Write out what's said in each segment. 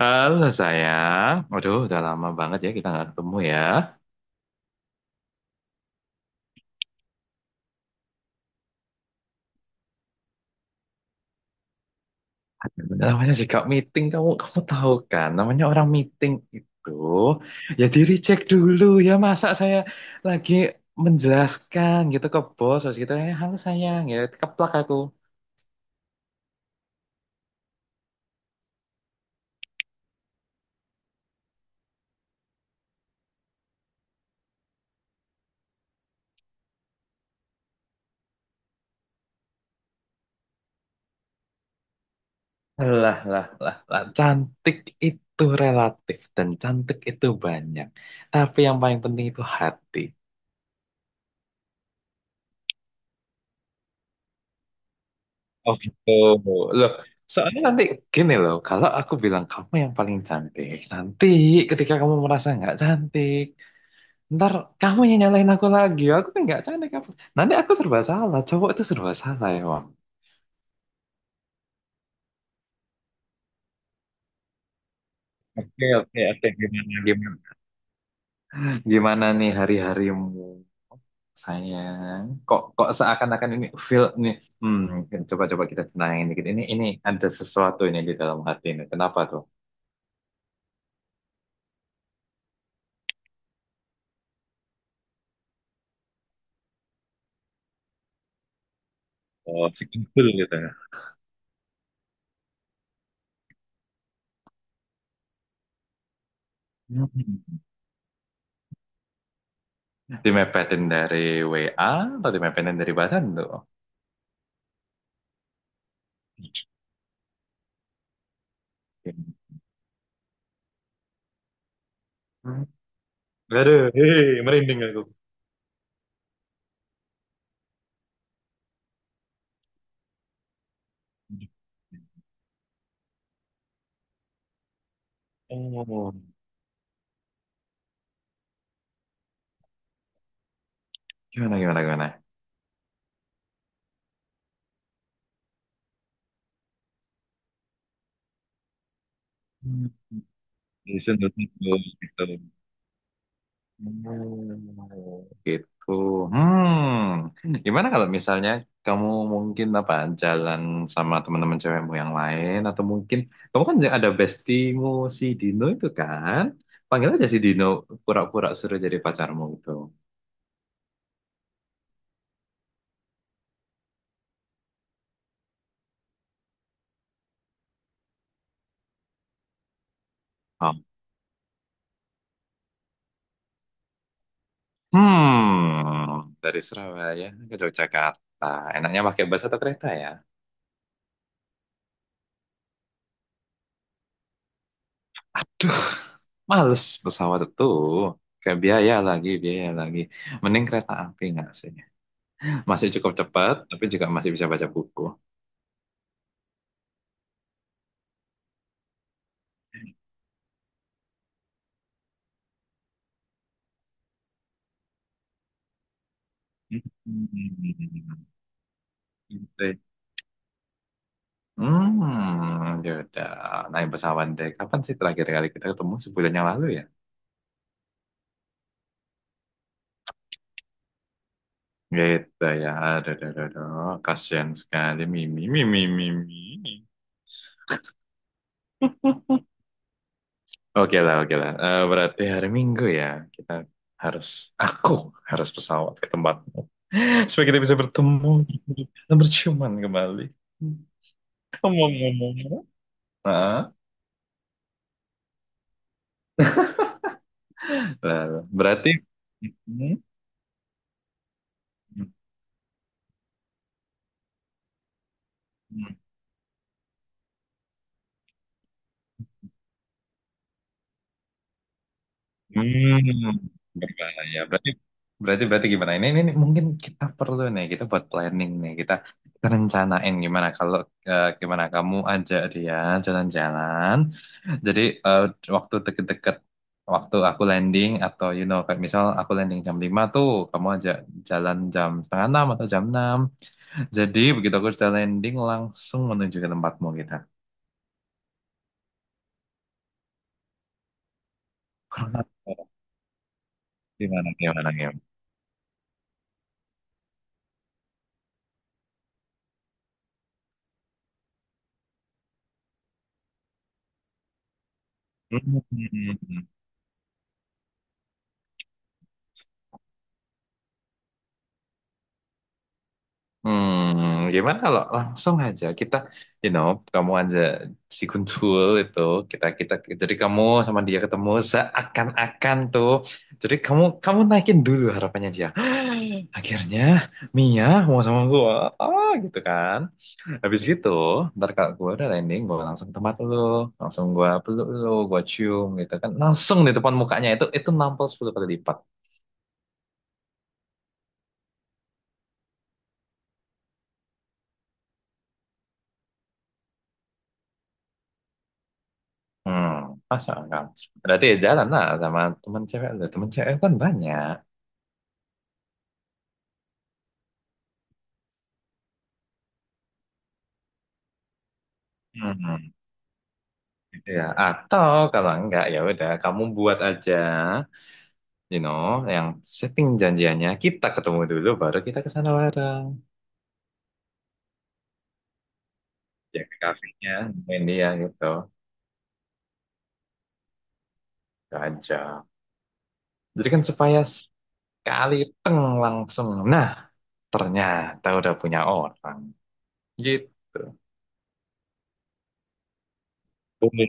Halo sayang, waduh udah lama banget ya kita nggak ketemu ya. Namanya juga meeting, kamu kamu tahu kan, namanya orang meeting itu ya di recheck dulu ya. Masa saya lagi menjelaskan gitu ke bos terus gitu ya halo sayang ya keplak aku. Lah lah lah lah, cantik itu relatif dan cantik itu banyak, tapi yang paling penting itu hati. Oh gitu. Loh, soalnya nanti gini loh, kalau aku bilang kamu yang paling cantik, nanti ketika kamu merasa nggak cantik, ntar kamu yang nyalain aku lagi, aku tuh nggak cantik apa. Nanti aku serba salah, cowok itu serba salah ya, Bang. Oke, oke, oke, gimana, gimana? Gimana nih hari-harimu, sayang? Kok seakan-akan ini feel nih, coba-coba kita tenangin dikit. Ini ada sesuatu ini di dalam hati ini. Kenapa tuh? Oh, si kumpul gitu ya. Dimepetin dari WA atau dimepetin dari badan tuh? Hmm. Aduh, hei, merinding aku. Oh, gimana gimana gimana? Hmm. Disentuh tuh gitu. Oh, gitu. Gimana kalau misalnya kamu mungkin apa jalan sama teman-teman cewekmu yang lain, atau mungkin kamu kan ada bestimu, si Dino itu kan? Panggil aja si Dino, pura-pura suruh jadi pacarmu gitu. Dari Surabaya ke Yogyakarta, enaknya pakai bus atau kereta ya? Aduh, males pesawat itu. Kayak biaya lagi, biaya lagi. Mending kereta api nggak sih? Masih cukup cepat, tapi juga masih bisa baca buku. Hmm, gitu. Hmm, ya udah. Naik pesawat deh. Kapan sih terakhir kali kita ketemu? Sebulan yang lalu ya? Gitu ya. Aduh, aduh, aduh, aduh. Kasian sekali. Mimi, mimi, mimi. Oke lah, oke lah. Eh, berarti hari Minggu ya, kita harus, aku harus pesawat ke tempatmu. Supaya kita bisa bertemu dan berciuman kembali. Ngomong-ngomong. Ah, lalu. Berarti, hmm, hmm, berbahaya. Berarti gimana? Ini mungkin kita perlu nih, kita buat planning nih, kita rencanain gimana kalau gimana kamu ajak dia jalan-jalan. Jadi eh, waktu deket-deket, waktu aku landing atau kayak misal aku landing jam 5, tuh kamu aja jalan jam setengah 6 atau jam 6. Jadi begitu aku sudah landing langsung menuju ke tempatmu kita. Kurang apa? Gimana gimana gimana. Hmm. Gimana kalau langsung aja kita, you know, kamu aja si Guntul itu, kita kita jadi kamu sama dia ketemu seakan-akan tuh. Jadi kamu kamu naikin dulu harapannya dia. Akhirnya Mia mau sama gue, ah gitu kan. Habis gitu, ntar kalau gue udah landing, gue langsung ke tempat lu, langsung gue peluk lu, gue cium gitu kan. Langsung di depan mukanya itu nampol 10 kali lipat. Hmm, masa enggak? Berarti ya jalan lah sama temen cewek lu, temen cewek kan banyak. Hmm, gitu ya. Atau kalau enggak ya udah, kamu buat aja, yang setting janjiannya kita ketemu dulu, baru kita ke sana bareng, ya ke kafenya, main dia gitu. Gajah. Jadi kan supaya sekali teng langsung. Nah, ternyata udah punya orang. Gitu. Boleh.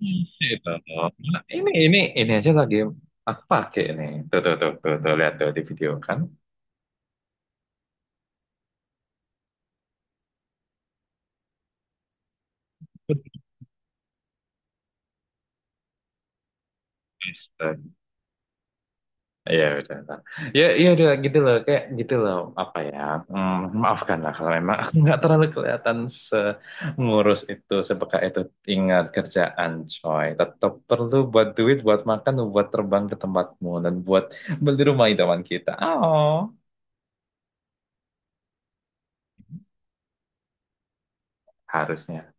Bisa dong. Nah, ini aja lagi aku pakai ini. Tuh tuh tuh tuh, tuh lihat tuh di video kan. Bisa. Iya betul, betul. Ya iya udah gitu loh kayak gitu loh apa ya, maafkanlah kalau memang aku nggak terlalu kelihatan ngurus itu sepeka itu. Ingat, kerjaan coy tetap perlu buat duit, buat makan, buat terbang ke tempatmu, dan buat beli rumah idaman kita. Oh, harusnya.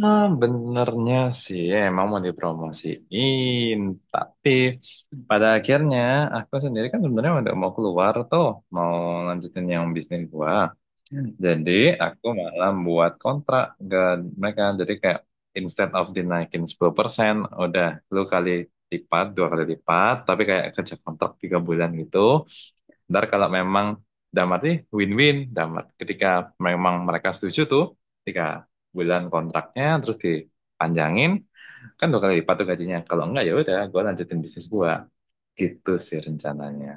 Nah, benernya sih emang mau dipromosiin, tapi pada akhirnya aku sendiri kan sebenarnya udah mau keluar tuh, mau lanjutin yang bisnis gua. Jadi aku malah buat kontrak ke mereka. Jadi kayak instead of dinaikin 10%, udah lu kali 2 kali lipat, tapi kayak kerja kontrak 3 bulan gitu. Ntar kalau memang dalam arti win-win, dalam arti ketika memang mereka setuju tuh, 3 bulan kontraknya terus dipanjangin, kan 2 kali lipat tuh gajinya. Kalau enggak ya udah, gue lanjutin bisnis gua. Gitu sih rencananya.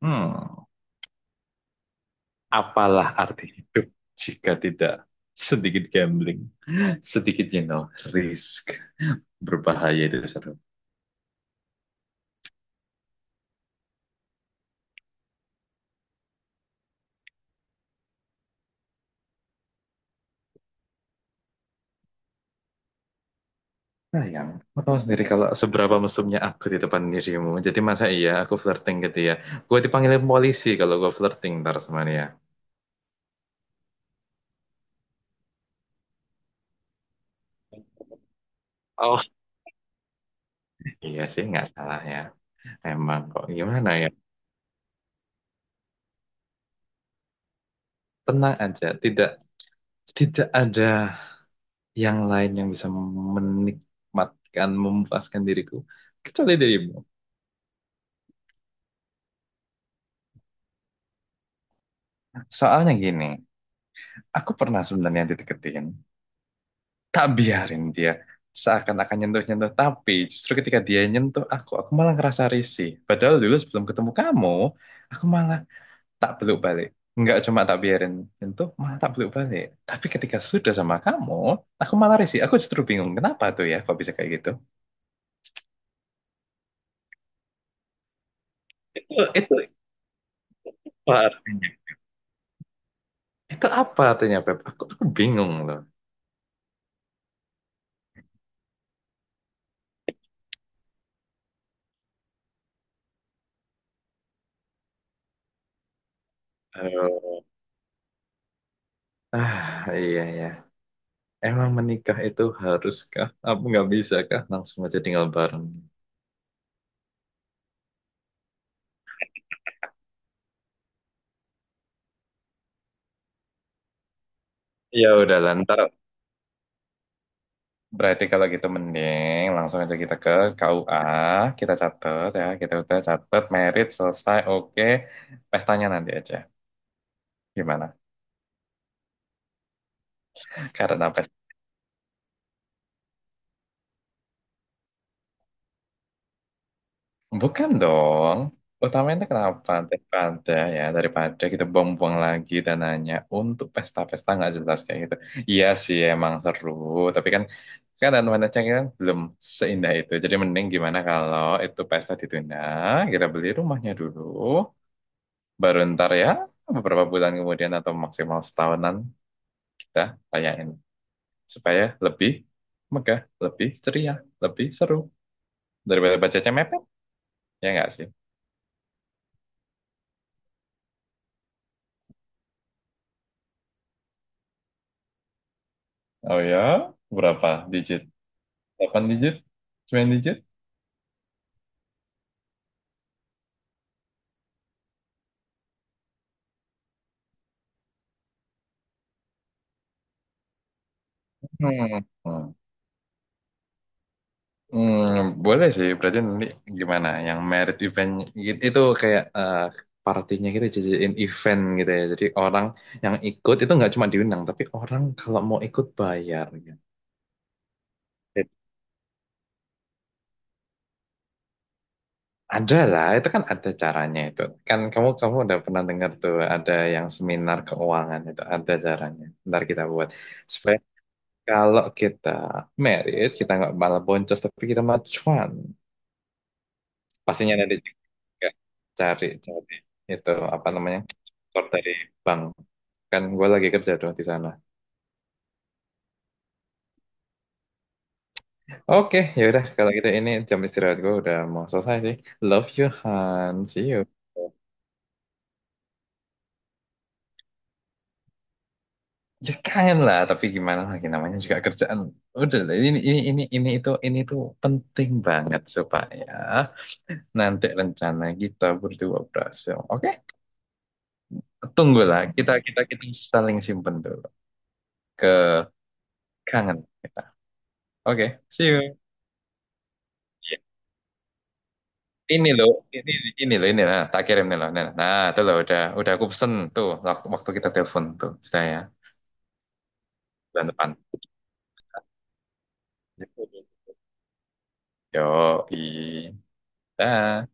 Hmm, apalah arti hidup jika tidak sedikit gambling, sedikit risk berbahaya itu seru. Sayang, kamu tahu sendiri kalau seberapa mesumnya aku di depan dirimu. Jadi masa iya aku flirting gitu ya? Gue dipanggilin polisi kalau gue flirting ntar sama dia. Oh, iya sih, nggak salah ya. Emang kok gimana ya? Tenang aja, tidak tidak ada yang lain yang bisa menikmatkan, memuaskan diriku kecuali dirimu. Soalnya gini, aku pernah sebenarnya dideketin, tak biarin dia seakan-akan nyentuh-nyentuh, tapi justru ketika dia nyentuh aku malah ngerasa risih. Padahal dulu sebelum ketemu kamu, aku malah tak peluk balik, nggak cuma tak biarin nyentuh, malah tak peluk balik. Tapi ketika sudah sama kamu, aku malah risih, aku justru bingung kenapa tuh ya, kok bisa kayak gitu. Itu apa artinya, itu apa artinya, Beb, aku bingung loh. Eh, ah iya ya, emang menikah itu haruskah apa nggak bisa kah langsung aja tinggal bareng? Ya udah lantar. Berarti kalau gitu mending langsung aja kita ke KUA, kita catat ya, kita udah catat merit selesai, oke, pestanya nanti aja. Gimana? Karena pesta. Bukan dong, utamanya kenapa? Daripada ya, daripada kita buang-buang lagi dananya untuk pesta-pesta nggak jelas kayak gitu. Iya sih, emang seru, tapi kan kan dan wanita kan belum seindah itu. Jadi mending gimana kalau itu pesta ditunda, kita beli rumahnya dulu, baru ntar ya beberapa bulan kemudian atau maksimal setahunan kita tanyain supaya lebih megah, lebih ceria, lebih seru, daripada bacanya mepet, ya nggak sih? Oh ya, berapa digit? 8 digit? 9 digit? Hmm. Hmm. Hmm, boleh sih, berarti nanti gimana? Yang merit event gitu, itu kayak partinya kita jadiin event gitu ya. Jadi orang yang ikut itu nggak cuma diundang, tapi orang kalau mau ikut bayar. Gitu. Ada lah, itu kan ada caranya itu. Kan kamu kamu udah pernah dengar tuh ada yang seminar keuangan itu ada caranya. Ntar kita buat supaya kalau kita merit kita nggak malah boncos, tapi kita malah cuan. Pastinya ada juga cari cari itu apa namanya, sponsor dari bank. Kan gue lagi kerja tuh di sana. Oke, yaudah kalau gitu ini jam istirahat gue udah mau selesai sih. Love you Han, see you. Ya kangen lah, tapi gimana lagi, namanya juga kerjaan. Udah lah, ini itu ini itu penting banget supaya nanti rencana kita berdua berhasil, oke. Tunggulah, kita kita kita saling simpen dulu ke kangen kita. Oke, see you. Iya. Ini loh, ini ini loh, ini. Nah, tak kirim nih loh. Nah, nah itu loh, udah aku pesen tuh, waktu waktu kita telepon tuh sudah ya. Bulan depan. Yo i. Dah.